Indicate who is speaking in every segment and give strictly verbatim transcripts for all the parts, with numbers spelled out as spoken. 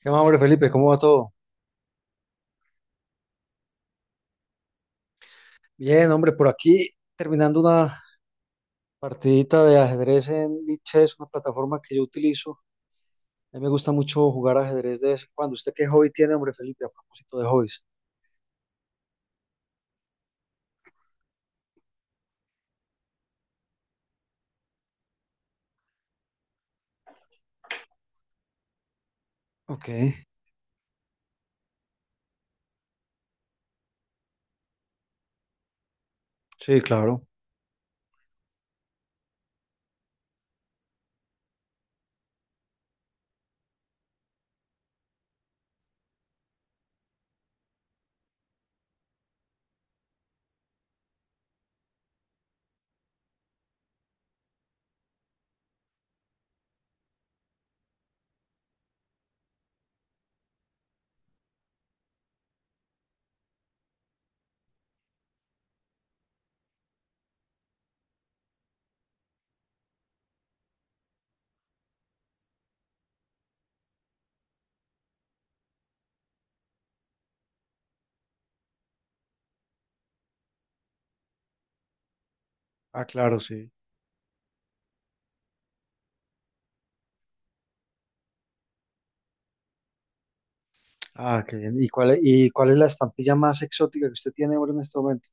Speaker 1: ¿Qué más, hombre, Felipe? ¿Cómo va todo? Bien, hombre, por aquí terminando una partidita de ajedrez en Lichess, una plataforma que yo utilizo. A mí me gusta mucho jugar ajedrez de vez en cuando. ¿Usted qué hobby tiene, hombre, Felipe, a propósito de hobbies? Ok, sí, claro. Ah, claro, sí. Ah, qué bien. ¿Y cuál, es- y cuál es la estampilla más exótica que usted tiene, hombre, en este momento?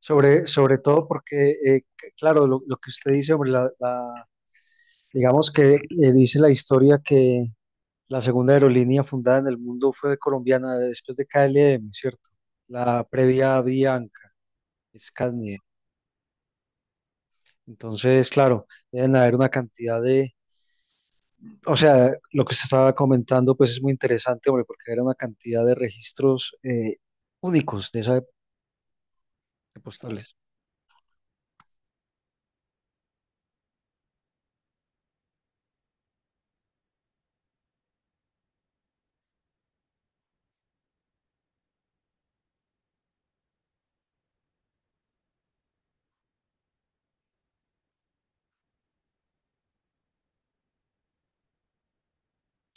Speaker 1: Sobre, sobre todo porque, eh, c- claro, lo, lo que usted dice, hombre, la, la- digamos que eh, dice la historia que la segunda aerolínea fundada en el mundo fue colombiana después de K L M, ¿cierto? La previa Bianca, Scania. Entonces, claro, deben haber una cantidad de, o sea, lo que se estaba comentando, pues es muy interesante, hombre, porque era una cantidad de registros eh, únicos de esa época de postales.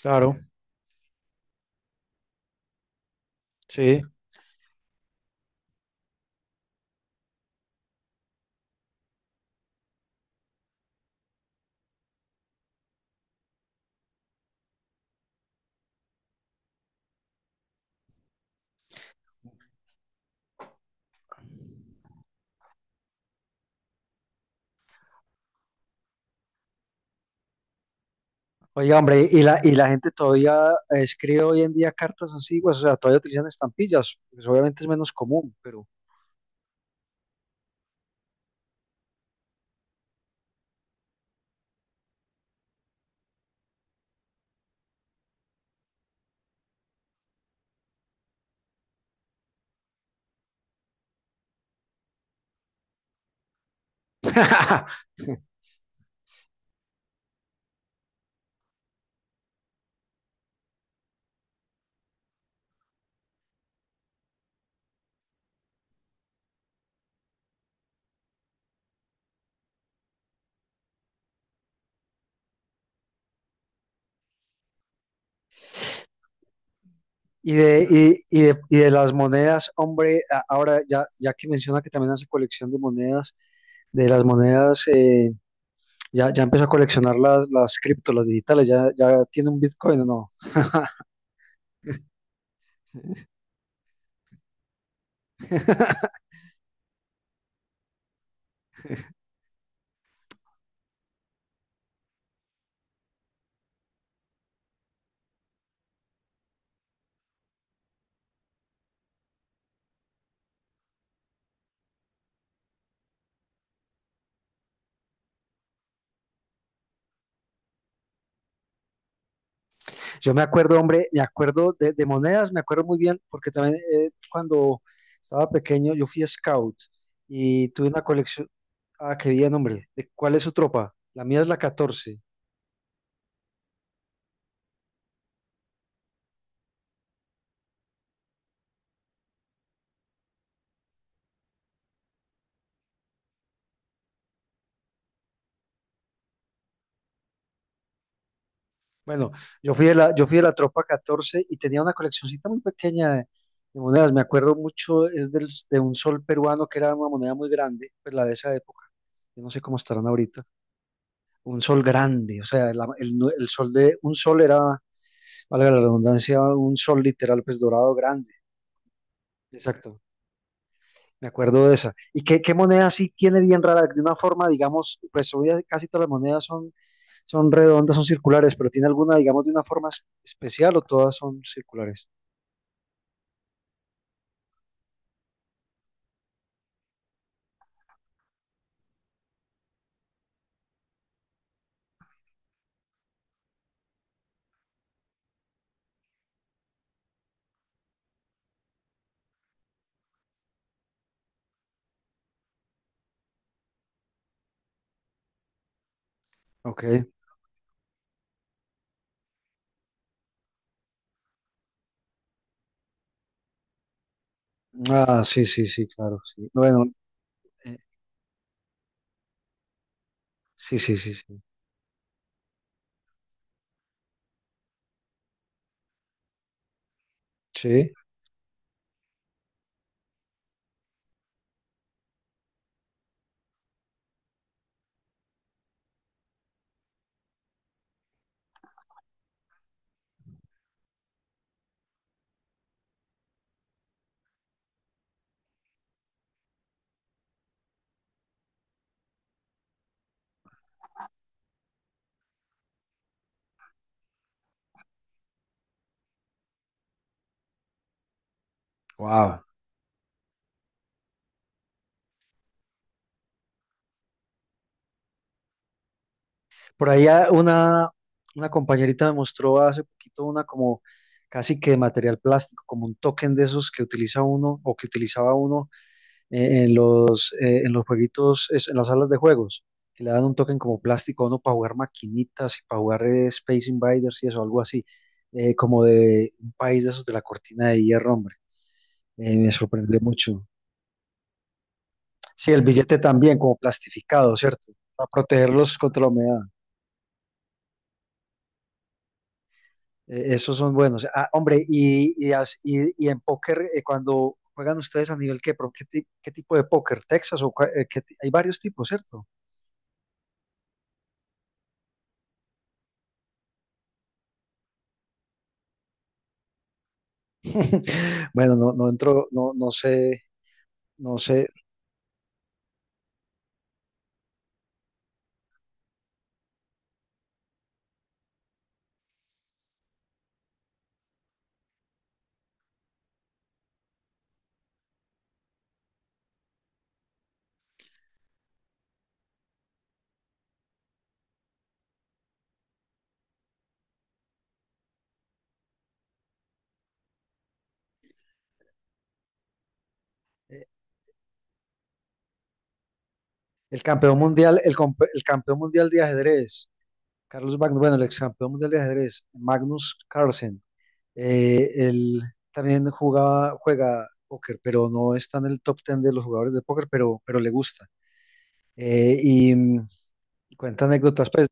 Speaker 1: Claro, sí. Oye, hombre, y la, y la gente todavía escribe hoy en día cartas antiguas, o sea, todavía utilizan estampillas, pues obviamente es menos común, pero Y de, y, y de, y de las monedas, hombre, a- ahora ya, ya que menciona que también hace colección de monedas, de las monedas, eh, ya, ya empezó a coleccionar las, las cripto, las digitales, ya, ya tiene un Bitcoin o no. Yo me acuerdo, hombre, me acuerdo de, de monedas, me acuerdo muy bien, porque también eh, cuando estaba pequeño yo fui scout y tuve una colección, ah, qué bien, hombre, ¿de cuál es su tropa? La mía es la catorce. Bueno, yo fui de la, yo fui de la tropa catorce y tenía una coleccioncita muy pequeña de, de monedas. Me acuerdo mucho, es del, de un sol peruano que era una moneda muy grande, pues la de esa época. Yo no sé cómo estarán ahorita. Un sol grande, o sea, la- el, nu- el sol de, un sol era, valga la redundancia, un sol literal, pues dorado grande. Exacto. Me acuerdo de esa. ¿Y qué, qué moneda sí tiene bien rara? De una forma, digamos, pues hoy ya casi todas las monedas son, son redondas, son circulares, pero tiene alguna, digamos, de una forma es- especial o todas son circulares. Ok. Ah, sí, sí, sí, claro, sí. Bueno, eh, sí, sí, sí, sí. Sí, wow. Por allá una, una compañerita me mostró hace poquito una como casi que de material plástico, como un token de esos que utiliza uno o que utilizaba uno eh, en los, eh, en los jueguitos, es- en las salas de juegos, que le dan un token como plástico a uno para jugar maquinitas y para jugar eh, Space Invaders y eso, algo así, eh, como de un país de esos de la cortina de hierro, hombre. Eh, me sorprendió mucho. Sí, el billete también, como plastificado, ¿cierto? Para protegerlos contra la humedad. Eh, esos son buenos. Ah, hombre, y, y, as- y- y en póker, eh, cuando juegan ustedes a nivel qué, pro- qué, ti- qué tipo de póker, Texas o cua- eh, qué ti- hay varios tipos, ¿cierto? Bueno, no, no entro, no, no sé, no sé. Eh, El campeón mundial, el, comp- el campeón mundial de ajedrez, Carlos Magnus, bueno, el ex campeón mundial de ajedrez, Magnus Carlsen. Eh, él también jugaba, juega póker, pero no está en el top diez de los jugadores de póker, pero, pero le gusta. Eh, y mm, cuenta anécdotas, pues.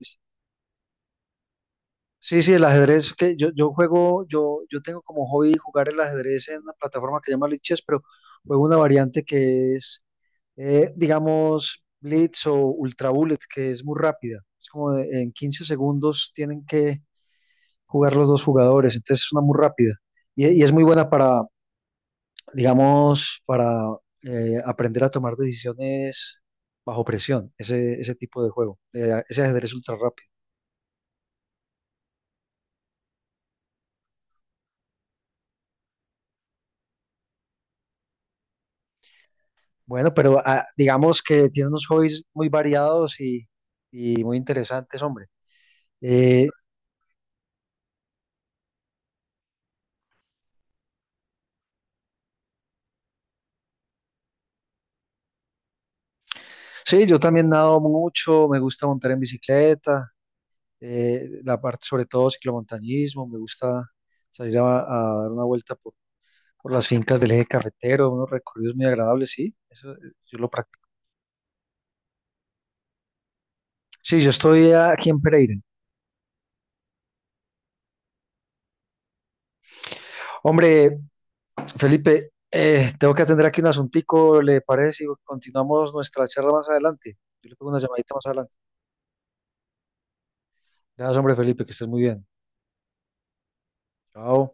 Speaker 1: Sí, sí, el ajedrez, que yo, yo juego, yo, yo tengo como hobby jugar el ajedrez en una plataforma que se llama Lichess, pero juego una variante que es, eh, digamos, Blitz o Ultra Bullet, que es muy rápida. Es como de- en quince segundos tienen que jugar los dos jugadores, entonces es una muy rápida. Y, y es muy buena para, digamos, para eh, aprender a tomar decisiones bajo presión, ese, ese tipo de juego, eh, ese ajedrez ultra rápido. Bueno, pero ah, digamos que tiene unos hobbies muy variados y, y muy interesantes, hombre. Eh, sí, yo también nado mucho, me gusta montar en bicicleta, eh, la parte sobre todo ciclomontañismo, me gusta salir a, a dar una vuelta por, por las fincas del eje cafetero, unos recorridos muy agradables, sí, eso eh, yo lo practico. Sí, yo estoy aquí en Pereira. Hombre, Felipe, eh, tengo que atender aquí un asuntico, ¿le parece si continuamos nuestra charla más adelante? Yo le pongo una llamadita más adelante. Gracias, hombre, Felipe, que estés muy bien. Chao.